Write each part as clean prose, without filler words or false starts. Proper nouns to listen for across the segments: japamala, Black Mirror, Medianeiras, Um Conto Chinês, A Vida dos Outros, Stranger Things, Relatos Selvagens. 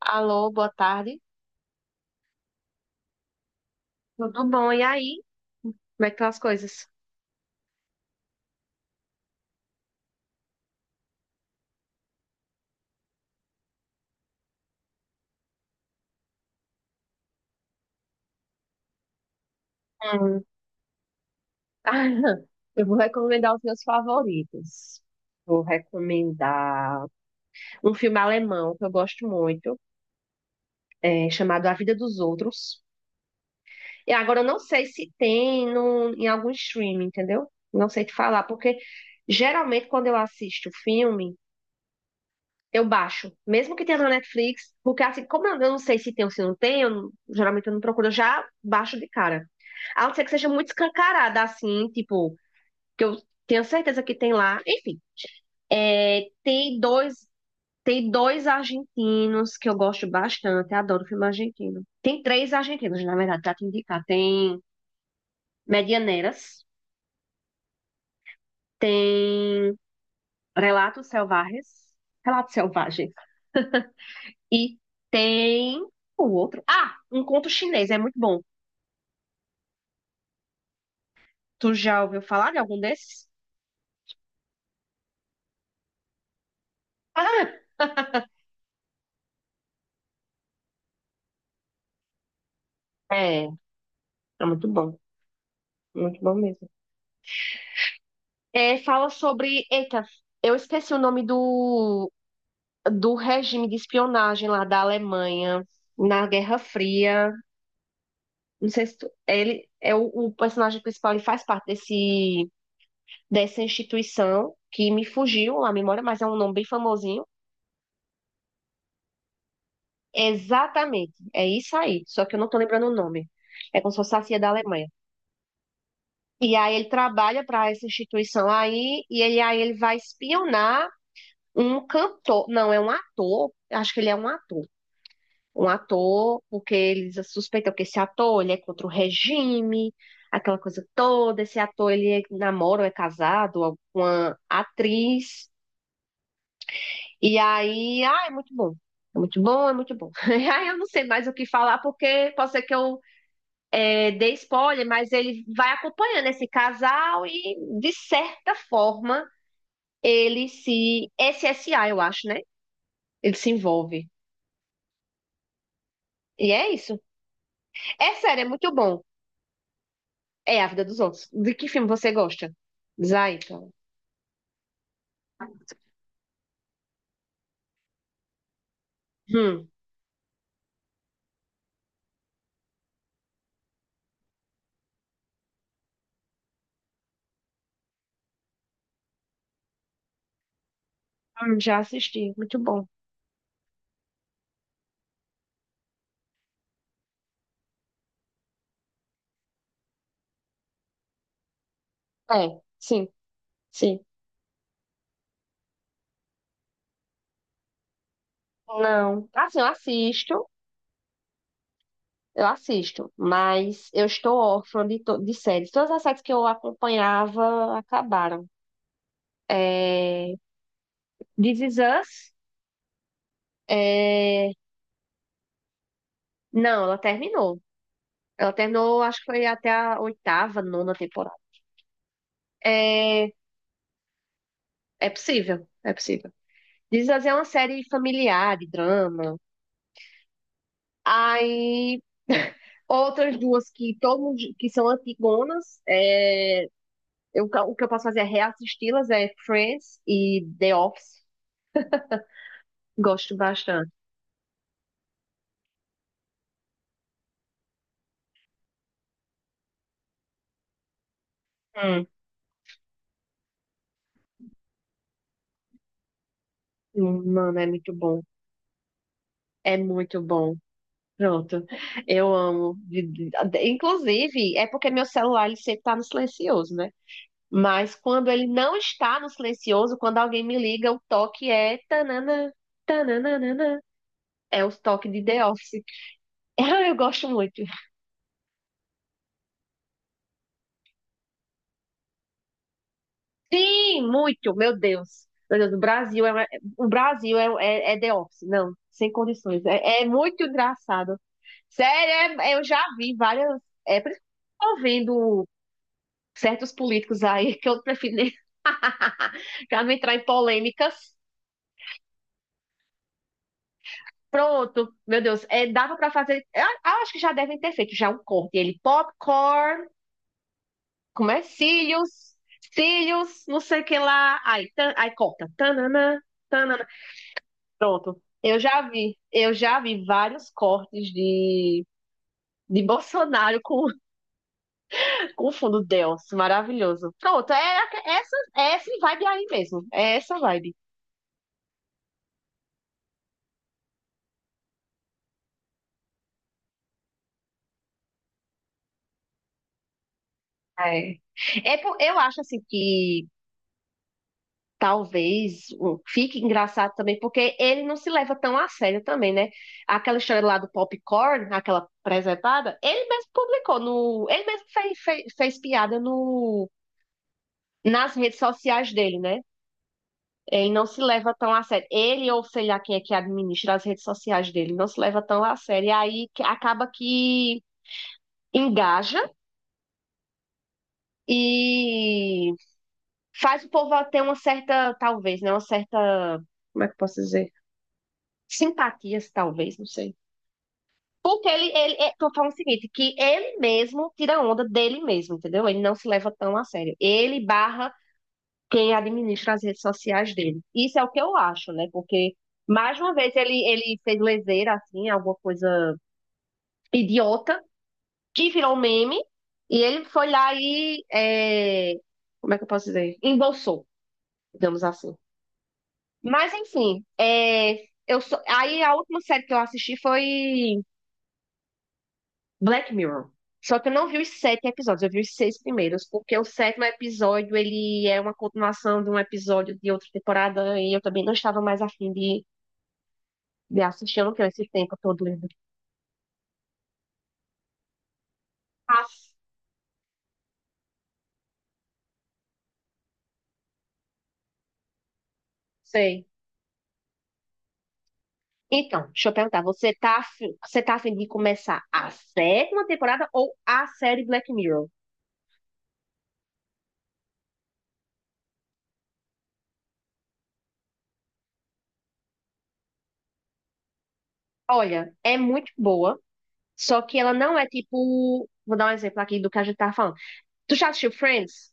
Alô, boa tarde. Tudo bom? E aí? Como é que estão as coisas? Hum. Eu vou recomendar os meus favoritos. Vou recomendar um filme alemão que eu gosto muito, chamado A Vida dos Outros. E agora eu não sei se tem no, em algum streaming, entendeu? Não sei te falar, porque geralmente quando eu assisto filme, eu baixo, mesmo que tenha na Netflix, porque assim, como eu não sei se tem ou se não tem, eu não- geralmente eu não procuro, eu já baixo de cara. A não ser que seja muito escancarada, assim, tipo, que eu tenho certeza que tem lá. Enfim, é, tem dois, tem dois argentinos que eu gosto bastante, eu adoro filme argentino. Tem três argentinos, na verdade, pra te indicar. Tem Medianeiras, tem Relatos Selvagens, Relatos Selvagens. E tem o outro. Ah, um conto chinês, é muito bom. Tu já ouviu falar de algum desses? Ah, É, é muito bom. Muito bom mesmo. É, fala sobre. Eita, eu esqueci o nome do regime de espionagem lá da Alemanha na Guerra Fria. Não sei se ele é o personagem principal, ele faz parte desse, dessa instituição que me fugiu a memória, mas é um nome bem famosinho. Exatamente, é isso aí. Só que eu não tô lembrando o nome. É como se fosse a CIA da Alemanha. E aí ele trabalha para essa instituição aí, aí ele vai espionar um cantor. Não, é um ator. Acho que ele é um ator. Um ator, porque eles suspeitam que esse ator ele é contra o regime, aquela coisa toda. Esse ator ele namora ou é casado com uma atriz. E aí, ah, é muito bom. É muito bom, é muito bom. Aí eu não sei mais o que falar, porque pode ser que eu dê spoiler, mas ele vai acompanhando esse casal e, de certa forma, ele se. Esse S a, eu acho, né? Ele se envolve. E é isso. É sério, é muito bom. É A Vida dos Outros. De que filme você gosta? Zaito. Hum, já assisti. Muito bom. É, sim, sim. Não. Assim, eu assisto. Eu assisto, mas eu estou órfã de séries. Todas as séries que eu acompanhava acabaram. É... This Is Us, é, não, ela terminou. Ela terminou, acho que foi até a oitava, nona temporada. É, é possível, é possível. Diz assim, é uma série familiar, de drama. Aí, outras duas que todo mundo, que são antigonas, o que eu posso fazer é reassisti-las, é Friends e The Office. Gosto bastante. Hum. Mano, é muito bom. É muito bom. Pronto. Eu amo. Inclusive, é porque meu celular ele sempre tá no silencioso, né? Mas quando ele não está no silencioso, quando alguém me liga, o toque é tananã, tananana. É os toques de The Office. Ah, eu gosto muito. Sim, muito, meu Deus. Meu Deus, o Brasil é The Office, não, sem condições. É muito engraçado. Sério, eu já vi várias. É, por isso que eu tô vendo certos políticos aí que eu prefiro nem para não entrar em polêmicas. Pronto, meu Deus, dava para fazer. Eu acho que já devem ter feito já um corte. Ele popcorn, como é? Cílios, cílios, não sei o que lá. Aí, tan, aí corta. Tanana, tanana. Pronto. Eu já vi vários cortes de Bolsonaro com, com o fundo Deus, maravilhoso. Pronto, é essa vibe aí mesmo, é essa vibe. É. É, eu acho assim que talvez um, fique engraçado também, porque ele não se leva tão a sério também, né? Aquela história lá do popcorn, aquela presentada, ele mesmo publicou no, ele mesmo fez piada no nas redes sociais dele, né? Ele não se leva tão a sério. Ele ou sei lá quem é que administra as redes sociais dele, não se leva tão a sério. E aí acaba que engaja e faz o povo ter uma certa, talvez, né? Uma certa, como é que eu posso dizer? Simpatias, talvez, não sei. Porque ele, tô falando o seguinte, que ele mesmo tira onda dele mesmo, entendeu? Ele não se leva tão a sério. Ele barra quem administra as redes sociais dele. Isso é o que eu acho, né? Porque, mais uma vez, ele fez leseira, assim, alguma coisa idiota, que virou meme, e ele foi lá e como é que eu posso dizer? Embolsou, digamos assim. Mas, enfim, aí a última série que eu assisti foi Black Mirror. Só que eu não vi os sete episódios, eu vi os seis primeiros, porque o sétimo episódio ele é uma continuação de um episódio de outra temporada e eu também não estava mais afim de assistir, eu não tenho esse tempo todo livre. Ah, sei. Então, deixa eu perguntar, você tá afim de começar a sétima temporada ou a série Black Mirror? Olha, é muito boa, só que ela não é tipo, vou dar um exemplo aqui do que a gente tava falando. Tu já assistiu Friends?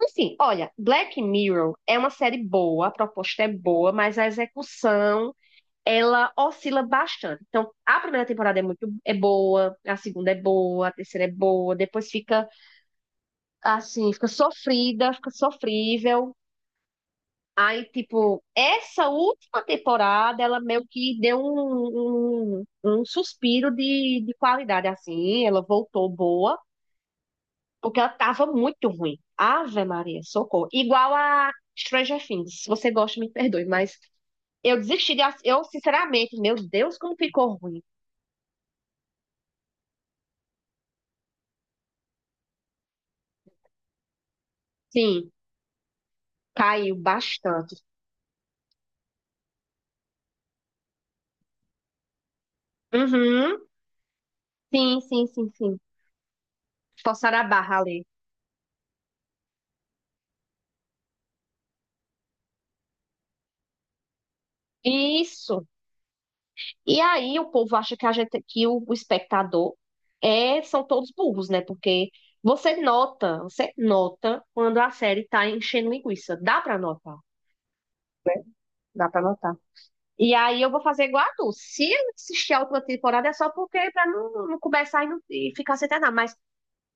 Assim, olha, Black Mirror é uma série boa, a proposta é boa, mas a execução ela oscila bastante. Então, a primeira temporada é muito é boa, a segunda é boa, a terceira é boa, depois fica assim, fica sofrida, fica sofrível. Aí, tipo, essa última temporada, ela meio que deu um suspiro de qualidade, assim, ela voltou boa. Porque ela tava muito ruim. Ave Maria, socorro. Igual a Stranger Things. Se você gosta, me perdoe, mas eu desisti de. Sinceramente, meu Deus, como ficou ruim. Sim, caiu bastante. Uhum. Sim, sim, sim, sim. Forçaram a barra ali. Isso. E aí o povo acha que a gente, que o espectador são todos burros, né? Porque você nota quando a série tá enchendo linguiça. Dá pra notar. Dá pra notar. E aí eu vou fazer igual a tu. Se eu assistir a última temporada é só porque para não, não começar e ficar sem terminar. Mas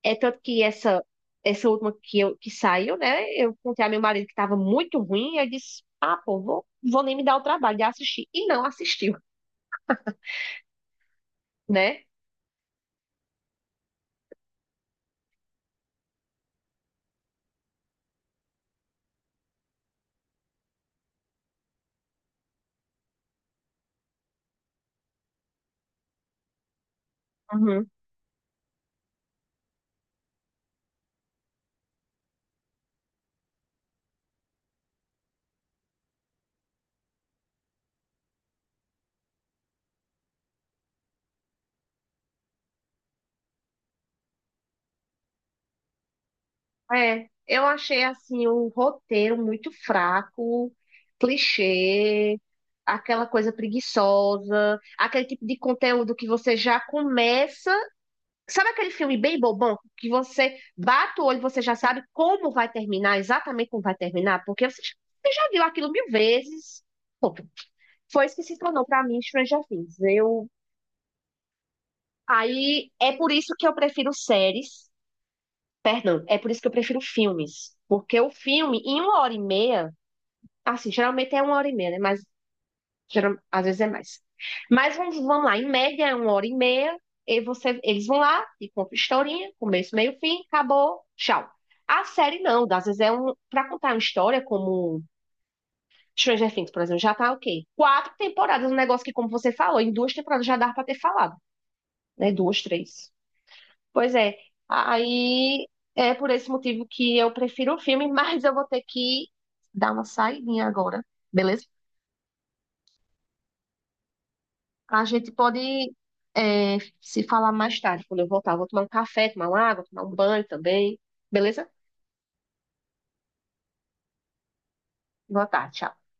é tanto que essa última que saiu, né? Eu contei a meu marido que estava muito ruim, e eu disse: "Ah, pô, vou nem me dar o trabalho de assistir". E não assistiu, né? Uhum. É, eu achei assim o roteiro muito fraco, clichê, aquela coisa preguiçosa, aquele tipo de conteúdo que você já começa sabe aquele filme bem bobão que você bate o olho, e você já sabe como vai terminar, exatamente como vai terminar, porque você já viu aquilo mil vezes. Pô, foi isso que se tornou pra mim Stranger Things. Eu aí é por isso que eu prefiro séries, perdão, é por isso que eu prefiro filmes, porque o filme em uma hora e meia, assim, geralmente é uma hora e meia, né? Mas Às vezes é mais. Mas vamos lá, em média é uma hora e meia. E eles vão lá e contam historinha, começo, meio, fim, acabou, tchau. A série não, às vezes é um. Pra contar uma história como Stranger Things, por exemplo, já tá ok. Quatro temporadas, um negócio que, como você falou, em duas temporadas já dá pra ter falado, né? Duas, três. Pois é. Aí é por esse motivo que eu prefiro o filme, mas eu vou ter que dar uma saidinha agora, beleza? A gente pode se falar mais tarde, quando eu voltar. Vou tomar um café, tomar uma água, tomar um banho também. Beleza? Boa tarde, tchau.